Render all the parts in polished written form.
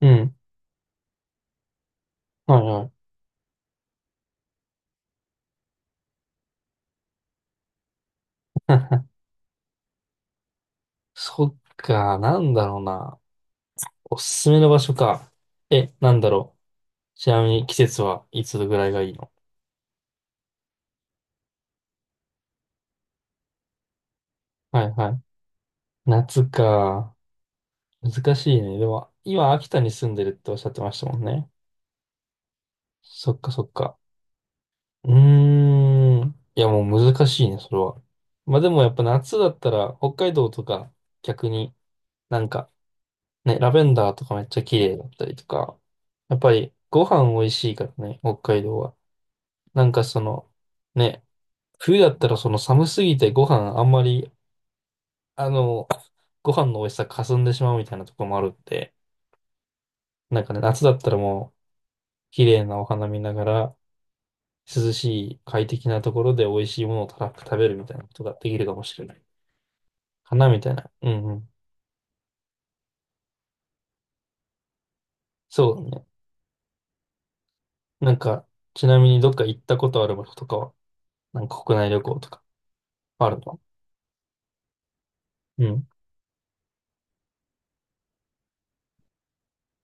うん。はいはい。そっか、なんだろうな。おすすめの場所か。え、なんだろう。ちなみに季節はいつぐらいがいいの？はいはい。夏か。難しいね。でも、今、秋田に住んでるっておっしゃってましたもんね。そっかそっか。うーん。いや、もう難しいね、それは。まあでもやっぱ夏だったら、北海道とか、逆になんか、ね、ラベンダーとかめっちゃ綺麗だったりとか。やっぱり、ご飯美味しいからね、北海道は。なんかその、ね、冬だったらその寒すぎてご飯あんまり、あの、ご飯の美味しさかすんでしまうみたいなところもあるって、なんかね、夏だったらもう、綺麗なお花見ながら、涼しい快適なところで美味しいものをたらふく食べるみたいなことができるかもしれない。かなみたいな。うんうん。そうだね。なんか、ちなみにどっか行ったことある場所とかは、なんか国内旅行とかあるの？うん。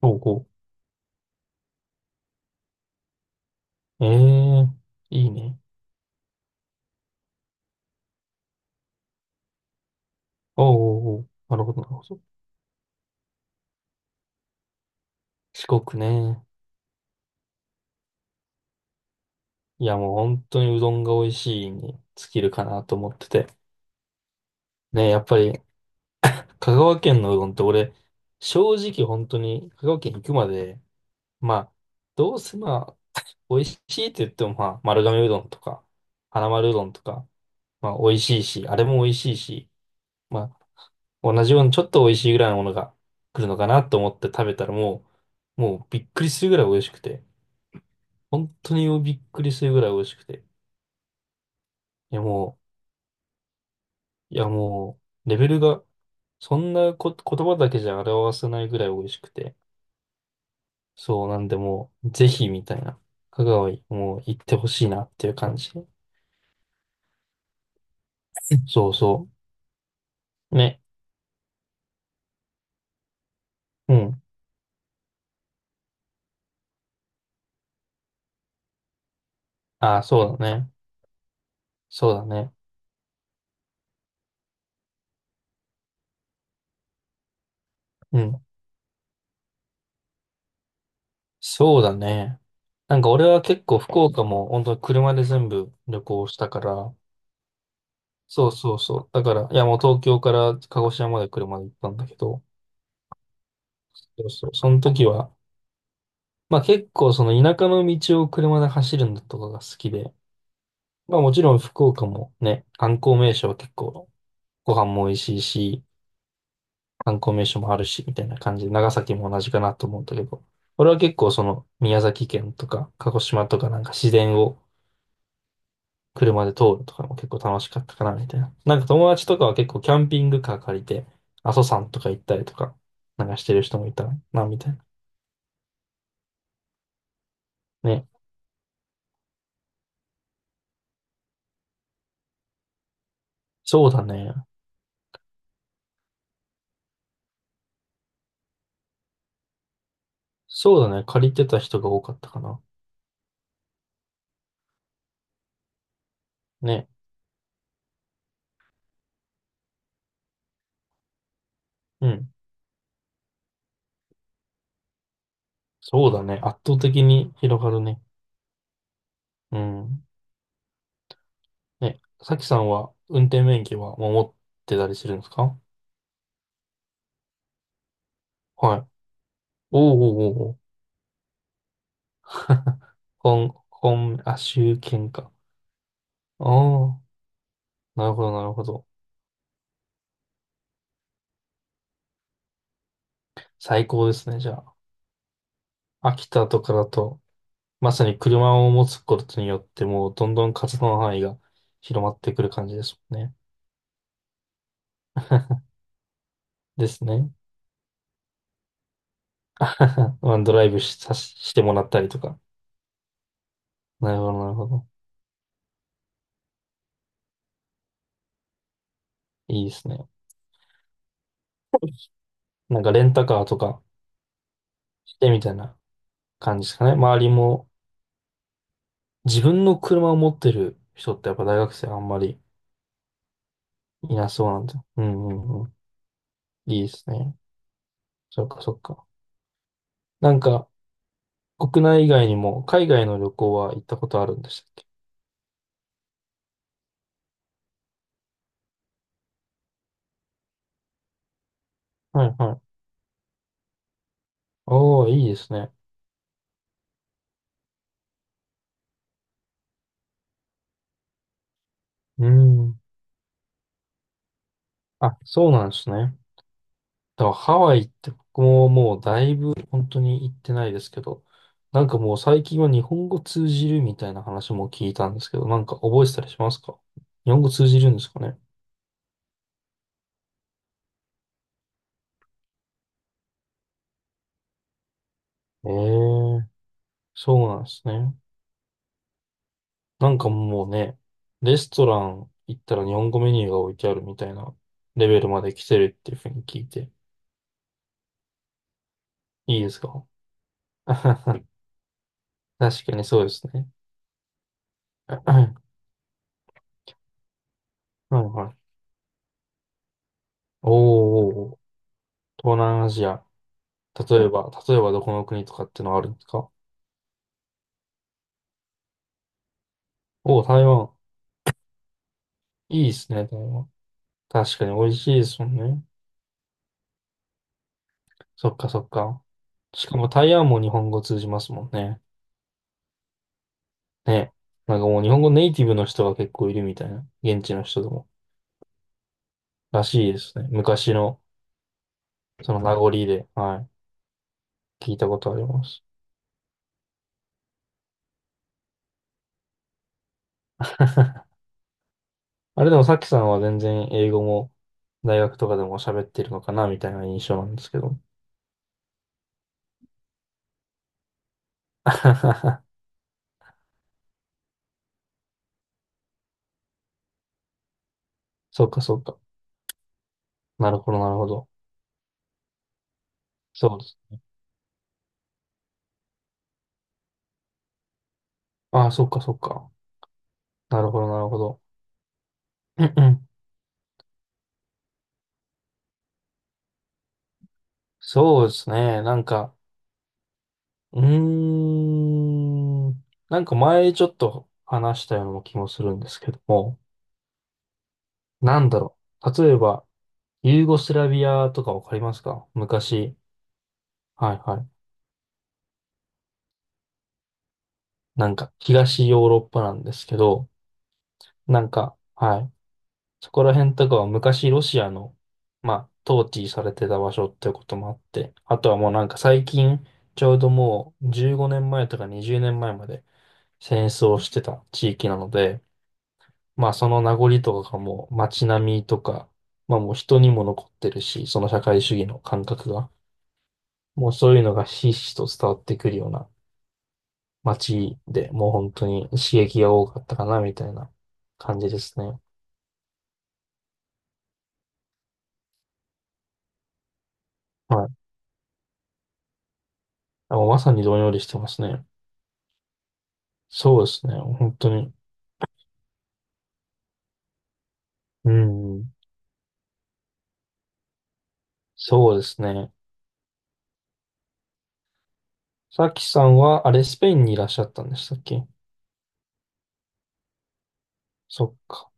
おうおう。ええ、いいね。おうおうおう。なるほど、なるほど。四国ね。いやもう本当にうどんが美味しいに尽きるかなと思ってて。ね、やっぱり香川県のうどんって俺、正直本当に香川県行くまで、まあ、どうせまあ、美味しいって言ってもまあ、丸亀うどんとか、花丸うどんとか、まあ美味しいし、あれも美味しいし、まあ、同じようにちょっと美味しいぐらいのものが来るのかなと思って食べたらもう、もうびっくりするぐらい美味しくて、本当にびっくりするぐらい美味しくて、いやもう、いや、もう、レベルが、そんなこ、言葉だけじゃ表せないぐらい美味しくて。そう、なんでもう、ぜひ、みたいな。香川に、もう、行ってほしいなっていう感じ。そうそう。ね。うん。ああ、そうだね。そうだね。うん。そうだね。なんか俺は結構福岡も本当に車で全部旅行したから、そうそうそう。だから、いやもう東京から鹿児島まで車で行ったんだけど、そうそう。その時は、まあ結構その田舎の道を車で走るのとかが好きで、まあもちろん福岡もね、観光名所は結構ご飯も美味しいし、観光名所もあるし、みたいな感じで、長崎も同じかなと思うんだけど、俺は結構その宮崎県とか鹿児島とかなんか自然を車で通るとかも結構楽しかったかな、みたいな。なんか友達とかは結構キャンピングカー借りて、阿蘇山とか行ったりとか、なんかしてる人もいたな、みたいな。ね。そうだね。そうだね。借りてた人が多かったかな。ね。うん。そうだね。圧倒的に広がるね。うん。ね、さきさんは運転免許はもう持ってたりするんですか？はい。おうおうおうおう。あ、州県か。ああ、なるほど、なるほど。最高ですね、じゃあ。秋田とかだと、まさに車を持つことによって、もうどんどん活動の範囲が広まってくる感じですもんね。ですね。まあドライブし、してもらったりとか。なるほど、なるほど。いいですね。なんかレンタカーとかてみたいな感じですかね。周りも自分の車を持ってる人ってやっぱ大学生あんまりいなそうなんで。うんうんうん。いいですね。そっかそっか。なんか、国内以外にも海外の旅行は行ったことあるんでしたっけ？はいはい。おー、いいですね。うん。あ、そうなんですね。だからハワイって僕ももうだいぶ本当に行ってないですけど、なんかもう最近は日本語通じるみたいな話も聞いたんですけど、なんか覚えてたりしますか？日本語通じるんですかね？ええ、そうなんですね。なんかもうね、レストラン行ったら日本語メニューが置いてあるみたいなレベルまで来てるっていうふうに聞いて、いいですか？ 確かにそうですね。はいはい。おーおーおー、東南アジア。例えば、例えばどこの国とかってのはあるんですか？おおー、台湾。いいですね、台湾。確かに美味しいですもんね。そっかそっか。しかも台湾も日本語通じますもんね。ね。なんかもう日本語ネイティブの人が結構いるみたいな。現地の人でも。らしいですね。昔の、その名残で、はい。聞いたことあります。あれでもさっきさんは全然英語も大学とかでも喋ってるのかなみたいな印象なんですけど。そうか、そうか。なるほど、なるほど。そうです。ああ、そうか、そうか。なるほど、なるほど。うんうん。そうですね。なんか、うーん。なんか前ちょっと話したような気もするんですけども。なんだろう。例えば、ユーゴスラビアとかわかりますか？昔。はいはい。なんか、東ヨーロッパなんですけど、なんか、はい。そこら辺とかは昔ロシアの、まあ、統治されてた場所ってこともあって、あとはもうなんか最近、ちょうどもう15年前とか20年前まで戦争してた地域なので、まあその名残とかがもう街並みとか、まあもう人にも残ってるし、その社会主義の感覚が。もうそういうのがひしひしと伝わってくるような街で、もう本当に刺激が多かったかな、みたいな感じですね。はい。あもうまさにどんよりしてますね。そうですね。本当に。うん。そうですね。さきさんは、あれ、スペインにいらっしゃったんでしたっけ？そっか。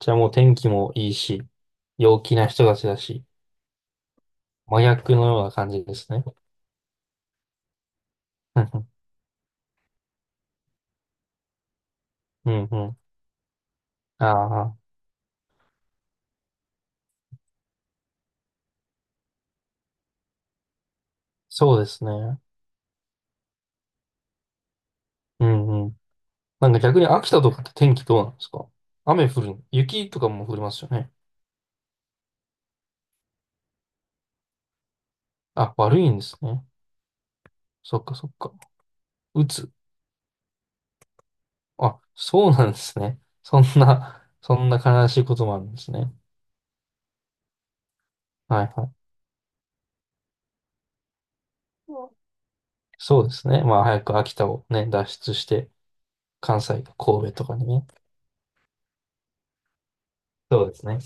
じゃあもう天気もいいし、陽気な人たちだし、真逆のような感じですね。うんうん。うんうん、ああ、そうですね。うんうん。なんか逆に秋田とかって天気どうなんですか？雨降る、雪とかも降りますよね。あ、悪いんですね。そっかそっか。うつ。あ、そうなんですね。そんな、そんな悲しいこともあるんですね。はいはい。そうですね。まあ早く秋田をね、脱出して、関西、神戸とかにね。そうですね。